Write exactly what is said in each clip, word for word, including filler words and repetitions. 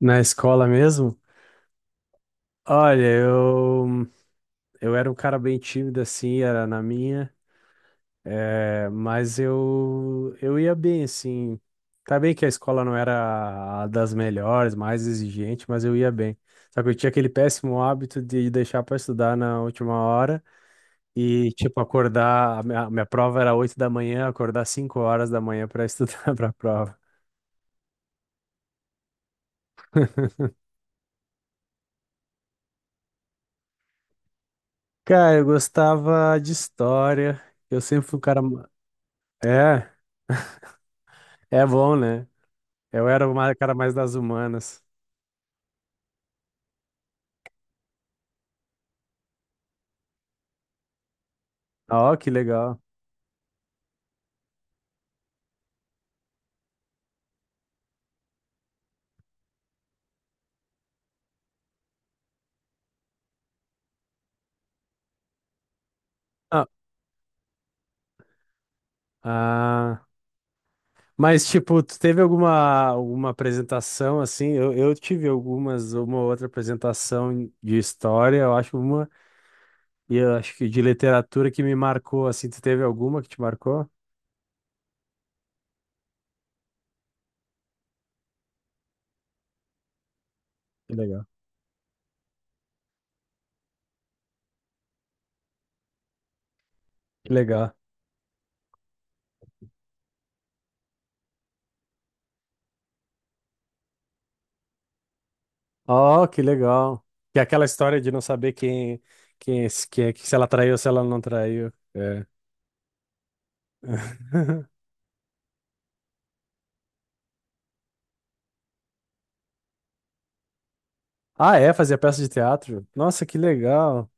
Na escola mesmo? Olha, eu, eu era um cara bem tímido assim, era na minha, é, mas eu, eu ia bem assim. Tá bem que a escola não era a das melhores, mais exigente, mas eu ia bem. Só que eu tinha aquele péssimo hábito de deixar pra estudar na última hora e, tipo, acordar. A minha, a minha prova era oito da manhã, acordar cinco horas da manhã pra estudar pra prova. Cara, eu gostava de história, eu sempre fui um cara. É, é bom, né? Eu era o ma- cara mais das humanas. Ó, que legal. Ah, ah, mas, tipo, tu teve alguma, alguma apresentação, assim? Eu, eu tive algumas, uma ou outra apresentação de história, eu acho uma, e eu acho que de literatura que me marcou, assim. Tu teve alguma que te marcou? Que legal. Que legal. Ó, que legal. Que é aquela história de não saber quem, quem, quem, é que- se ela traiu ou se ela não traiu. É. Ah, é? Fazia peça de teatro? Nossa, que legal.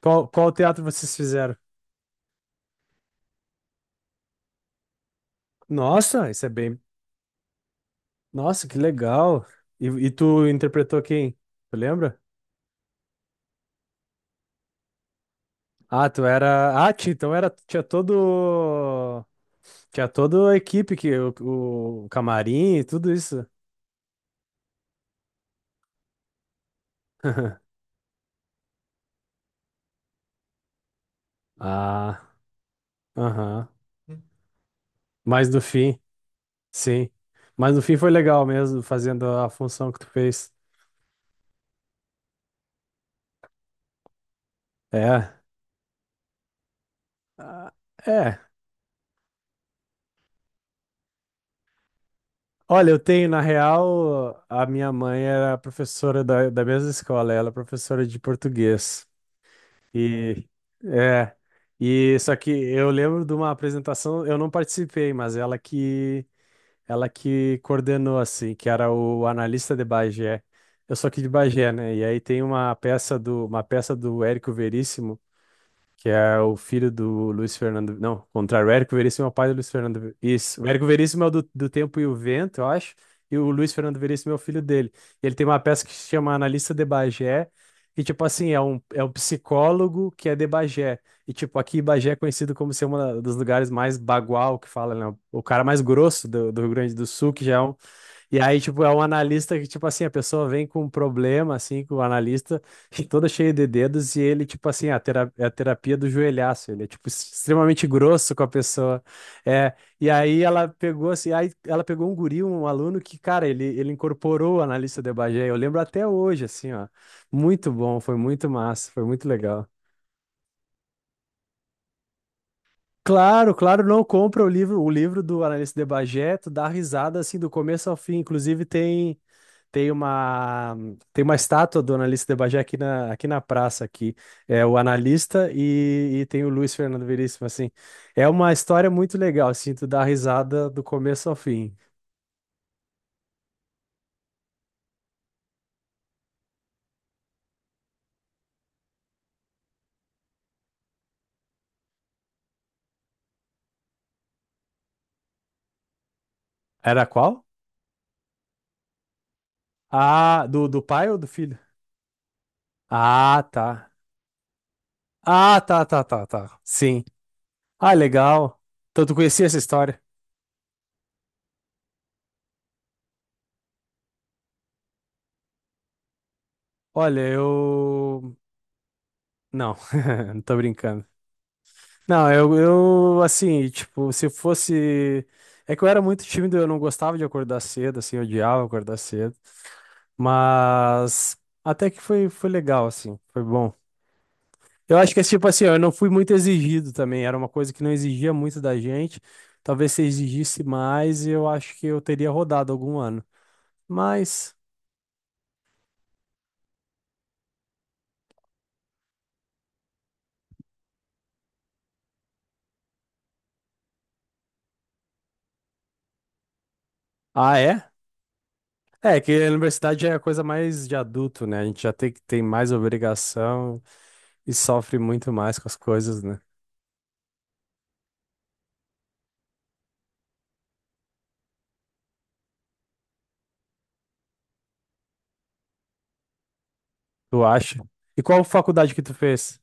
Qual, qual teatro vocês fizeram? Nossa, isso é bem. Nossa, que legal. E, e tu interpretou quem? Tu lembra? Ah, tu era. Ah, ti- então era. Tinha todo. Tinha toda a equipe, que, o, o camarim e tudo isso. Ah, aham. Mas no fim, sim. Mas no fim foi legal mesmo, fazendo a função que tu fez. É. Ah, é. Olha, eu tenho, na real, a minha mãe era professora da, da mesma escola, ela é professora de português. E é, e só que eu lembro de uma apresentação, eu não participei, mas ela que ela que coordenou assim, que era o Analista de Bagé. Eu sou aqui de Bagé, né? E aí tem uma peça do uma peça do Érico Veríssimo que é o filho do Luiz Fernando. Não, contrário, o Érico Veríssimo é o pai do Luiz Fernando. Ve- Isso, o Érico Veríssimo é o do, do Tempo e o Vento, eu acho, e o Luiz Fernando Veríssimo é o filho dele. E ele tem uma peça que se chama Analista de Bagé, e tipo assim, é um, é um psicólogo que é de Bagé. E tipo, aqui Bagé é conhecido como ser um dos lugares mais bagual que fala, né? O cara mais grosso do, do Rio Grande do Sul, que já é um, e aí, tipo, é um analista que, tipo assim, a pessoa vem com um problema, assim, com o analista, toda cheia de dedos, e ele, tipo assim, a tera- é a terapia do joelhaço, ele é, tipo, extremamente grosso com a pessoa. É, e aí ela pegou, assim, aí ela pegou um guri, um aluno que, cara, ele, ele incorporou o analista de Bagé, eu lembro até hoje, assim, ó. Muito bom, foi muito massa, foi muito legal. Claro, claro, não compra o livro, o livro do analista de Bagé, tu dá risada assim do começo ao fim. Inclusive tem Tem uma, tem uma estátua do analista de Bagé aqui na, aqui na praça, aqui. É o analista e, e tem o Luiz Fernando Veríssimo, assim. É uma história muito legal, assim, tu dá risada do começo ao fim. Era qual? Ah, do, do pai ou do filho? Ah, tá. Ah, tá, tá, tá, tá. Sim. Ah, legal. Então tu conhecia essa história? Olha, eu... Não, não tô brincando. Não, eu, eu, assim, tipo, se fosse. É que eu era muito tímido, eu não gostava de acordar cedo, assim, eu odiava acordar cedo. Mas até que foi, foi legal, assim, foi bom. Eu acho que é tipo assim, ó, eu não fui muito exigido também, era uma coisa que não exigia muito da gente. Talvez se exigisse mais, eu acho que eu teria rodado algum ano. Mas. Ah, é? É, que a universidade é a coisa mais de adulto, né? A gente já tem que tem mais obrigação e sofre muito mais com as coisas, né? Tu acha? E qual faculdade que tu fez?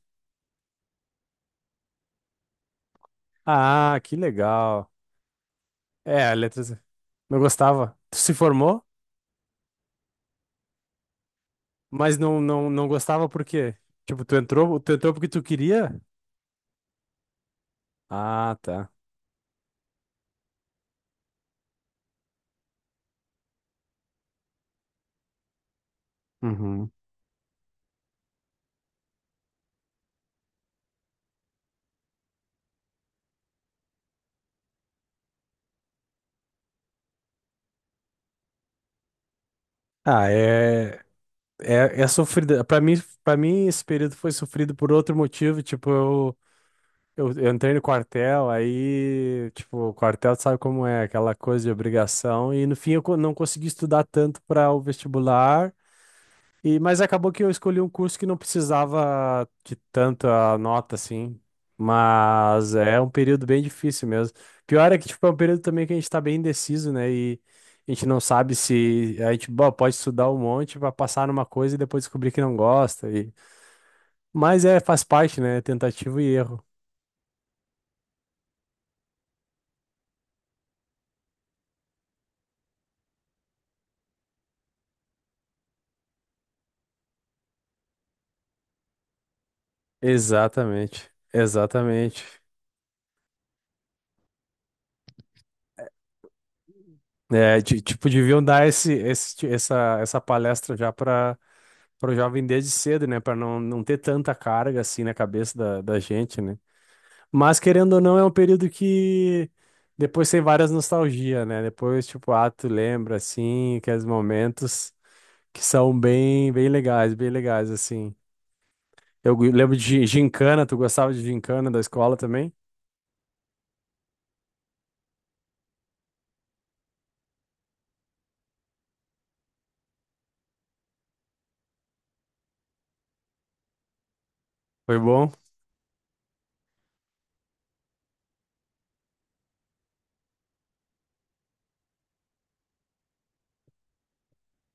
Ah, que legal. É, letras. Não gostava. Tu se formou, mas não, não, não gostava por quê? Tipo, tu entrou, tu entrou porque tu queria? Ah, tá. Uhum. Ah, é, é, é sofrido. Pra mim, para mim, esse período foi sofrido por outro motivo. Tipo, eu, eu, eu entrei no quartel, aí, tipo, o quartel tu sabe como é, aquela coisa de obrigação. E no fim, eu co- não consegui estudar tanto para o vestibular. E, mas acabou que eu escolhi um curso que não precisava de tanta nota, assim. Mas é um período bem difícil mesmo. Pior é que, tipo, é um período também que a gente tá bem indeciso, né? E a gente não sabe se... A gente, bom, pode estudar um monte pra passar numa coisa e depois descobrir que não gosta. E... Mas é, faz parte, né? É tentativa e erro. Exatamente. Exatamente. É, ti- tipo, deviam dar esse, esse, essa, essa palestra já para o jovem desde cedo, né? Para não, não ter tanta carga assim na cabeça da, da gente, né? Mas querendo ou não, é um período que depois tem várias nostalgias, né? Depois, tipo, ah, tu lembra assim, aqueles momentos que são bem, bem legais, bem legais, assim. Eu gu- lembro de gincana, tu gostava de gincana da escola também? Foi bom? O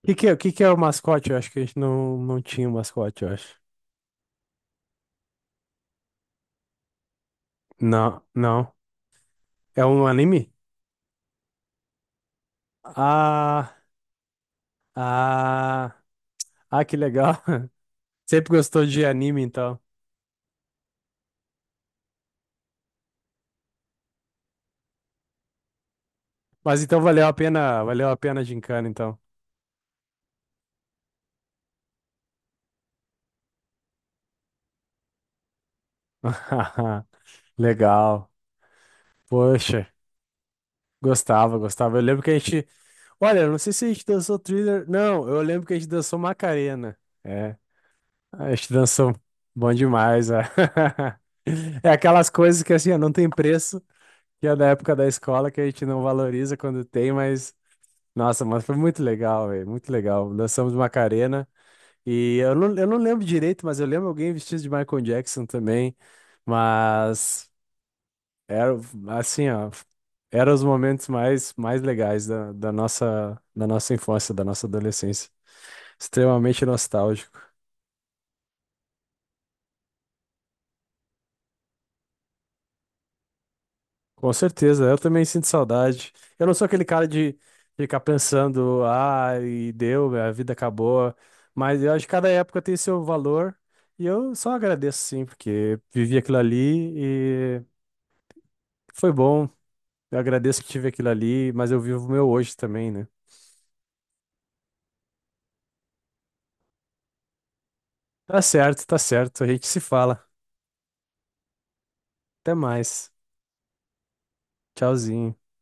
que que é, o que que é o mascote? Eu acho que a gente não, não tinha um mascote, eu acho. Não, não. É um anime? Ah, ah, ah, que legal. Sempre gostou de anime, então. Mas então valeu a pena, valeu a pena a gincana, então. Legal. Poxa, gostava, gostava. Eu lembro que a gente, olha, eu não sei se a gente dançou Thriller. Não, eu lembro que a gente dançou Macarena. É, a gente dançou bom demais. É, é aquelas coisas que assim, ó, não tem preço, que é da época da escola que a gente não valoriza quando tem, mas Nossa, mas foi muito legal, velho. Muito legal. Dançamos Macarena. E eu não, eu não lembro direito, mas eu lembro alguém vestido de Michael Jackson também. Mas era assim, ó. Eram os momentos mais, mais legais da, da nossa, da nossa infância, da nossa adolescência. Extremamente nostálgico. Com certeza, eu também sinto saudade. Eu não sou aquele cara de ficar pensando, ah, e deu, a vida acabou. Mas eu acho que cada época tem seu valor e eu só agradeço sim, porque vivi aquilo ali e foi bom. Eu agradeço que tive aquilo ali, mas eu vivo o meu hoje também, né? Tá certo, tá certo. A gente se fala. Até mais. Tchauzinho.